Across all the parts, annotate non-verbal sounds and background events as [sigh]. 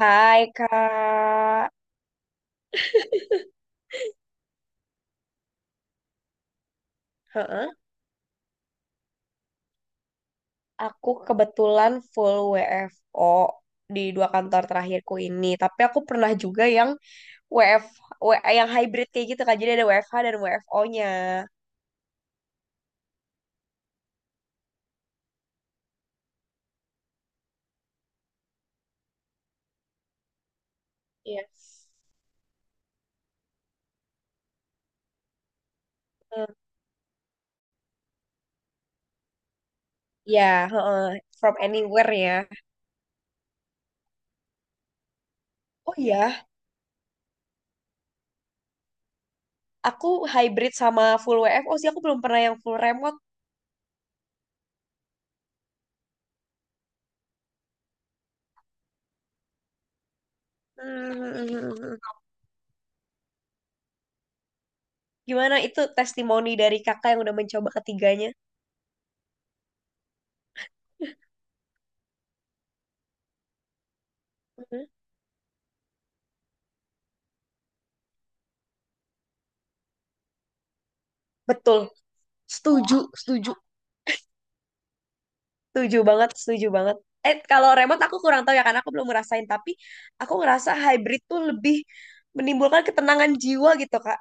Hai Kak, Heeh. Aku kebetulan full WFO di dua kantor terakhirku ini. Tapi aku pernah juga yang WF, W- yang hybrid kayak gitu, Kak. Jadi ada WFH dan WFO-nya. Yes. Eh, Ya, heeh, from anywhere, ya. Oh iya, aku hybrid sama full WFO sih. Aku belum pernah yang full remote. Hmm, Gimana itu testimoni dari kakak yang udah mencoba ketiganya? Mhm. Betul. Setuju, setuju. Setuju banget, setuju banget. Kalau remote aku kurang tahu ya, karena aku belum ngerasain, tapi aku ngerasa hybrid tuh lebih menimbulkan ketenangan jiwa gitu, Kak.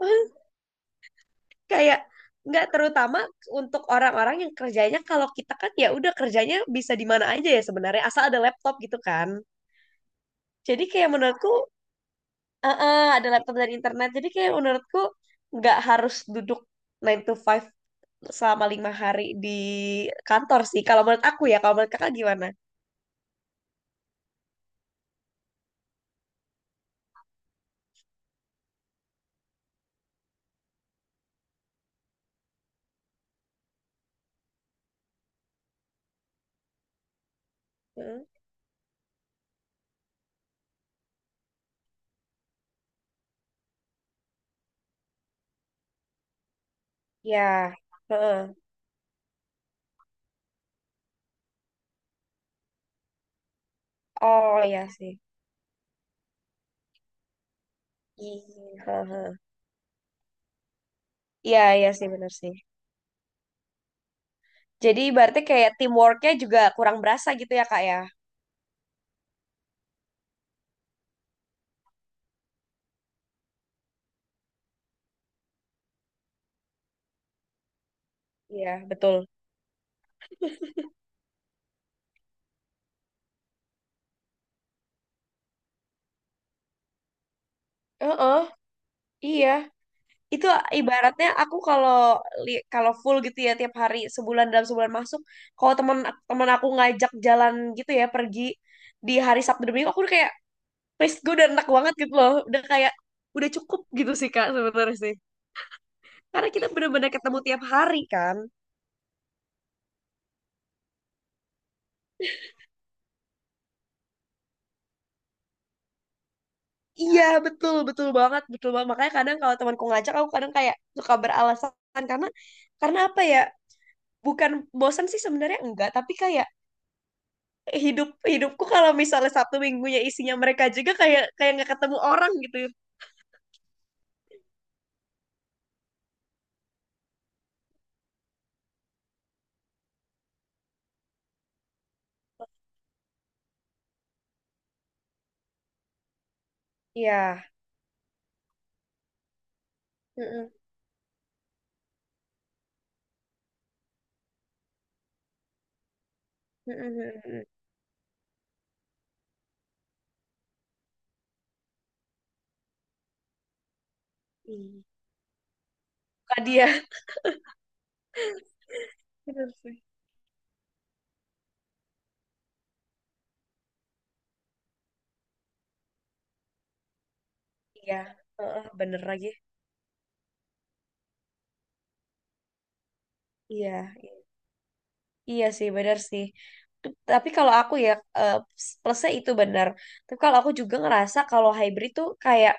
[laughs] Kayak nggak, terutama untuk orang-orang yang kerjanya, kalau kita kan ya udah, kerjanya bisa di mana aja ya sebenarnya, asal ada laptop gitu kan. Jadi kayak menurutku, ada laptop dan internet. Jadi kayak menurutku nggak harus duduk nine to five selama 5 hari di kantor sih. Kalau menurut aku ya, kalau menurut Kakak gimana? Hmm. Ya, heeh. Oh ya sih. Iya, heeh. Iya, iya sih, benar sih. Jadi berarti kayak teamworknya juga kurang berasa gitu ya, Kak ya? Iya, betul. Heeh, iya. Itu ibaratnya aku kalau full gitu ya, tiap hari sebulan, dalam sebulan masuk. Kalau teman teman aku ngajak jalan gitu ya, pergi di hari Sabtu dan Minggu, aku udah kayak, please, gue udah enak banget gitu loh. Udah kayak udah cukup gitu sih, Kak, sebenarnya sih. Karena kita bener-bener ketemu tiap hari kan. Iya, betul, betul banget, betul banget. Makanya kadang kalau temanku ngajak, aku kadang kayak suka beralasan karena apa ya? Bukan bosan sih sebenarnya, enggak, tapi kayak hidupku kalau misalnya Sabtu minggunya isinya mereka juga, kayak kayak nggak ketemu orang gitu. Iya. Heeh, heeh, heeh, heeh. Iya. Bukan dia. Bener sih. Iya. Heeh, bener lagi. Iya, iya, iya sih, bener sih. Tapi kalau aku ya, plusnya itu benar. Tapi kalau aku juga ngerasa kalau hybrid tuh kayak,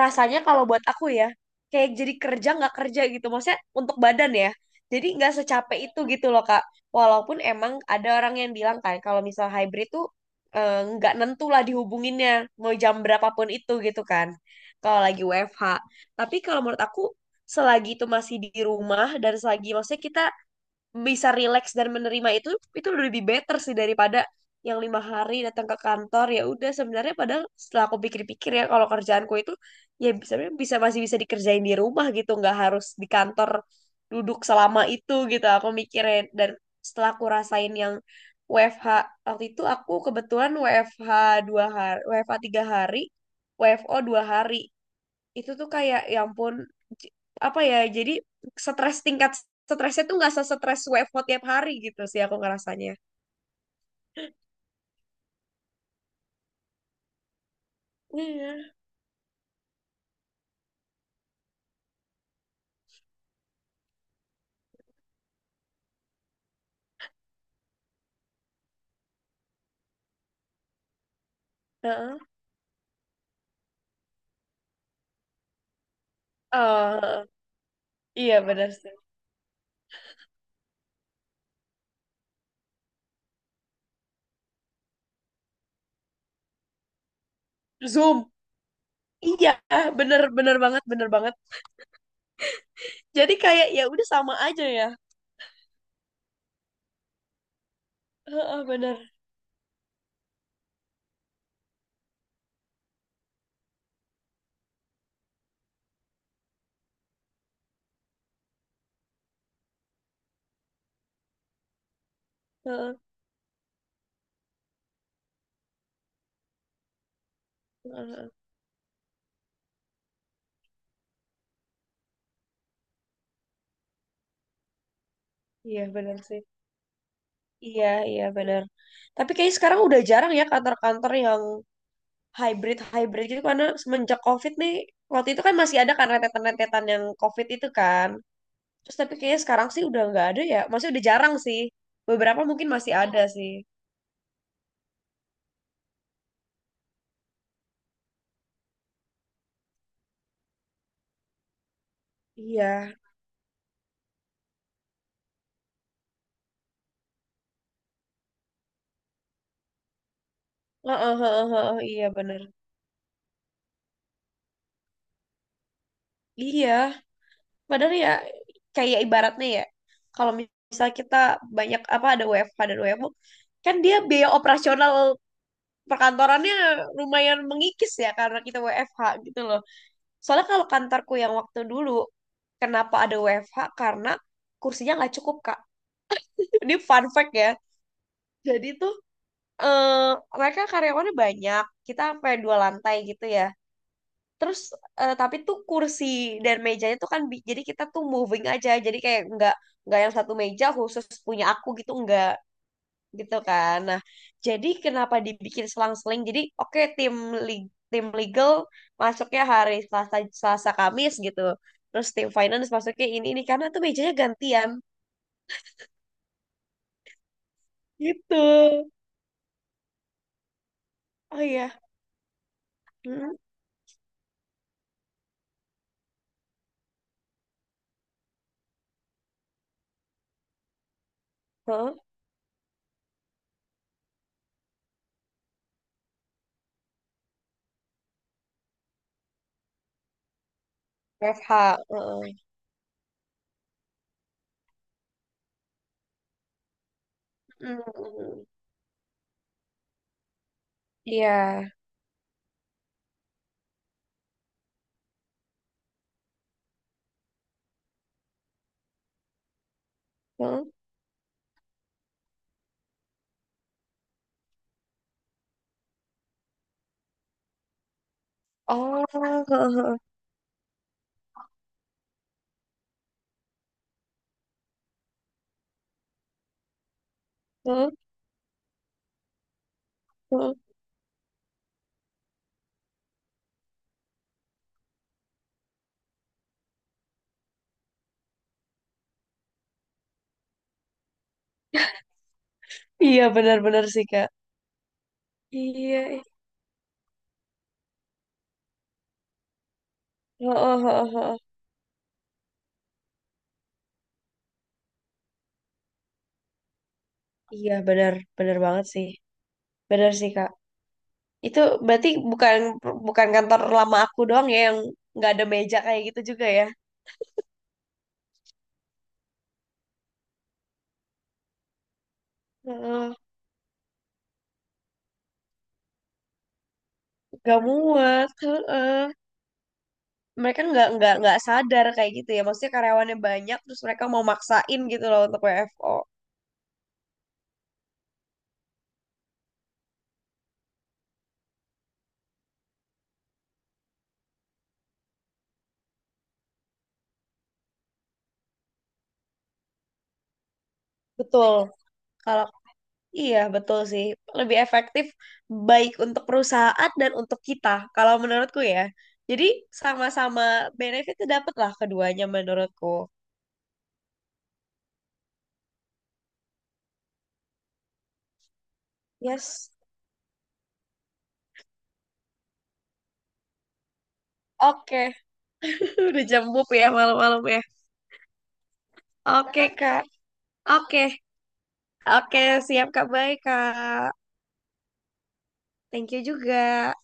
rasanya kalau buat aku ya, kayak jadi kerja nggak kerja gitu, maksudnya untuk badan ya jadi nggak secapek itu gitu loh, Kak. Walaupun emang ada orang yang bilang kan, kalau misal hybrid tuh nggak nentu lah dihubunginnya, mau jam berapapun itu gitu kan kalau lagi WFH. Tapi kalau menurut aku, selagi itu masih di rumah dan selagi maksudnya kita bisa relax dan menerima itu lebih better sih daripada yang 5 hari datang ke kantor. Ya udah, sebenarnya padahal setelah aku pikir-pikir ya, kalau kerjaanku itu ya bisa, masih bisa dikerjain di rumah gitu, nggak harus di kantor duduk selama itu gitu. Aku mikirin, dan setelah aku rasain yang WFH, waktu itu aku kebetulan WFH 2 hari, WFH 3 hari, WFO 2 hari, itu tuh kayak ya ampun, j- apa ya, jadi stres, tingkat stresnya tuh nggak se-stres WFH tiap hari gitu sih, aku ngerasanya. Iya. Heeh. Eh, iya benar sih. Zoom. Iya, bener bener banget, bener banget. Jadi kayak ya udah sama aja ya. Heeh, bener. Heeh, heeh. Iya bener sih. Iya, iya bener. Tapi kayaknya sekarang udah jarang ya kantor-kantor yang hybrid hybrid gitu, karena semenjak COVID nih. Waktu itu kan masih ada kan rentetan-rentetan yang COVID itu kan. Terus tapi kayaknya sekarang sih udah nggak ada ya. Maksudnya udah jarang sih. Beberapa mungkin masih ada sih. Iya. Heeh, heeh, heeh, iya bener. Iya. Padahal ya kayak ibaratnya ya, kalau misal kita banyak, apa, ada WFH dan WFO, kan dia biaya operasional perkantorannya lumayan mengikis ya, karena kita WFH gitu loh. Soalnya kalau kantorku yang waktu dulu, kenapa ada WFH? Karena kursinya nggak cukup, Kak. [laughs] Ini fun fact ya. Jadi tuh, eh mereka karyawannya banyak, kita sampai dua lantai gitu ya. Terus tapi tuh kursi dan mejanya tuh kan, jadi kita tuh moving aja, jadi kayak nggak yang satu meja khusus punya aku gitu, nggak gitu kan. Nah, jadi kenapa dibikin selang-seling? Jadi oke tim, tim legal masuknya hari Selasa, Selasa Kamis gitu. Terus tim finance masuknya ini karena tuh mejanya gantian gitu. Oh iya. Hmm. Huh? FH. Heeh. Hmm. Hmm, hmm. Iya. Heeh. Oh, heeh, heeh, heeh, heeh. Iya benar-benar sih, Kak. Iya, ih. Heeh, heeh, heeh. Iya benar, benar banget sih. Benar sih, Kak. Itu berarti bukan, kantor lama aku doang ya yang nggak ada meja kayak gitu juga ya. Heeh. Nggak muat. Heeh. Mereka nggak, nggak sadar kayak gitu ya. Maksudnya karyawannya banyak, terus mereka mau maksain gitu loh untuk WFO. Betul. kalau Iya, betul sih. Lebih efektif, baik untuk perusahaan dan untuk kita, kalau menurutku ya. Jadi sama-sama benefitnya dapat lah keduanya, menurutku. Yes. Oke. [laughs] Udah jam bub ya, malam-malam ya. Oke, Kak. Oke. Oke, siap, Kak. Baik, Kak. Thank you juga.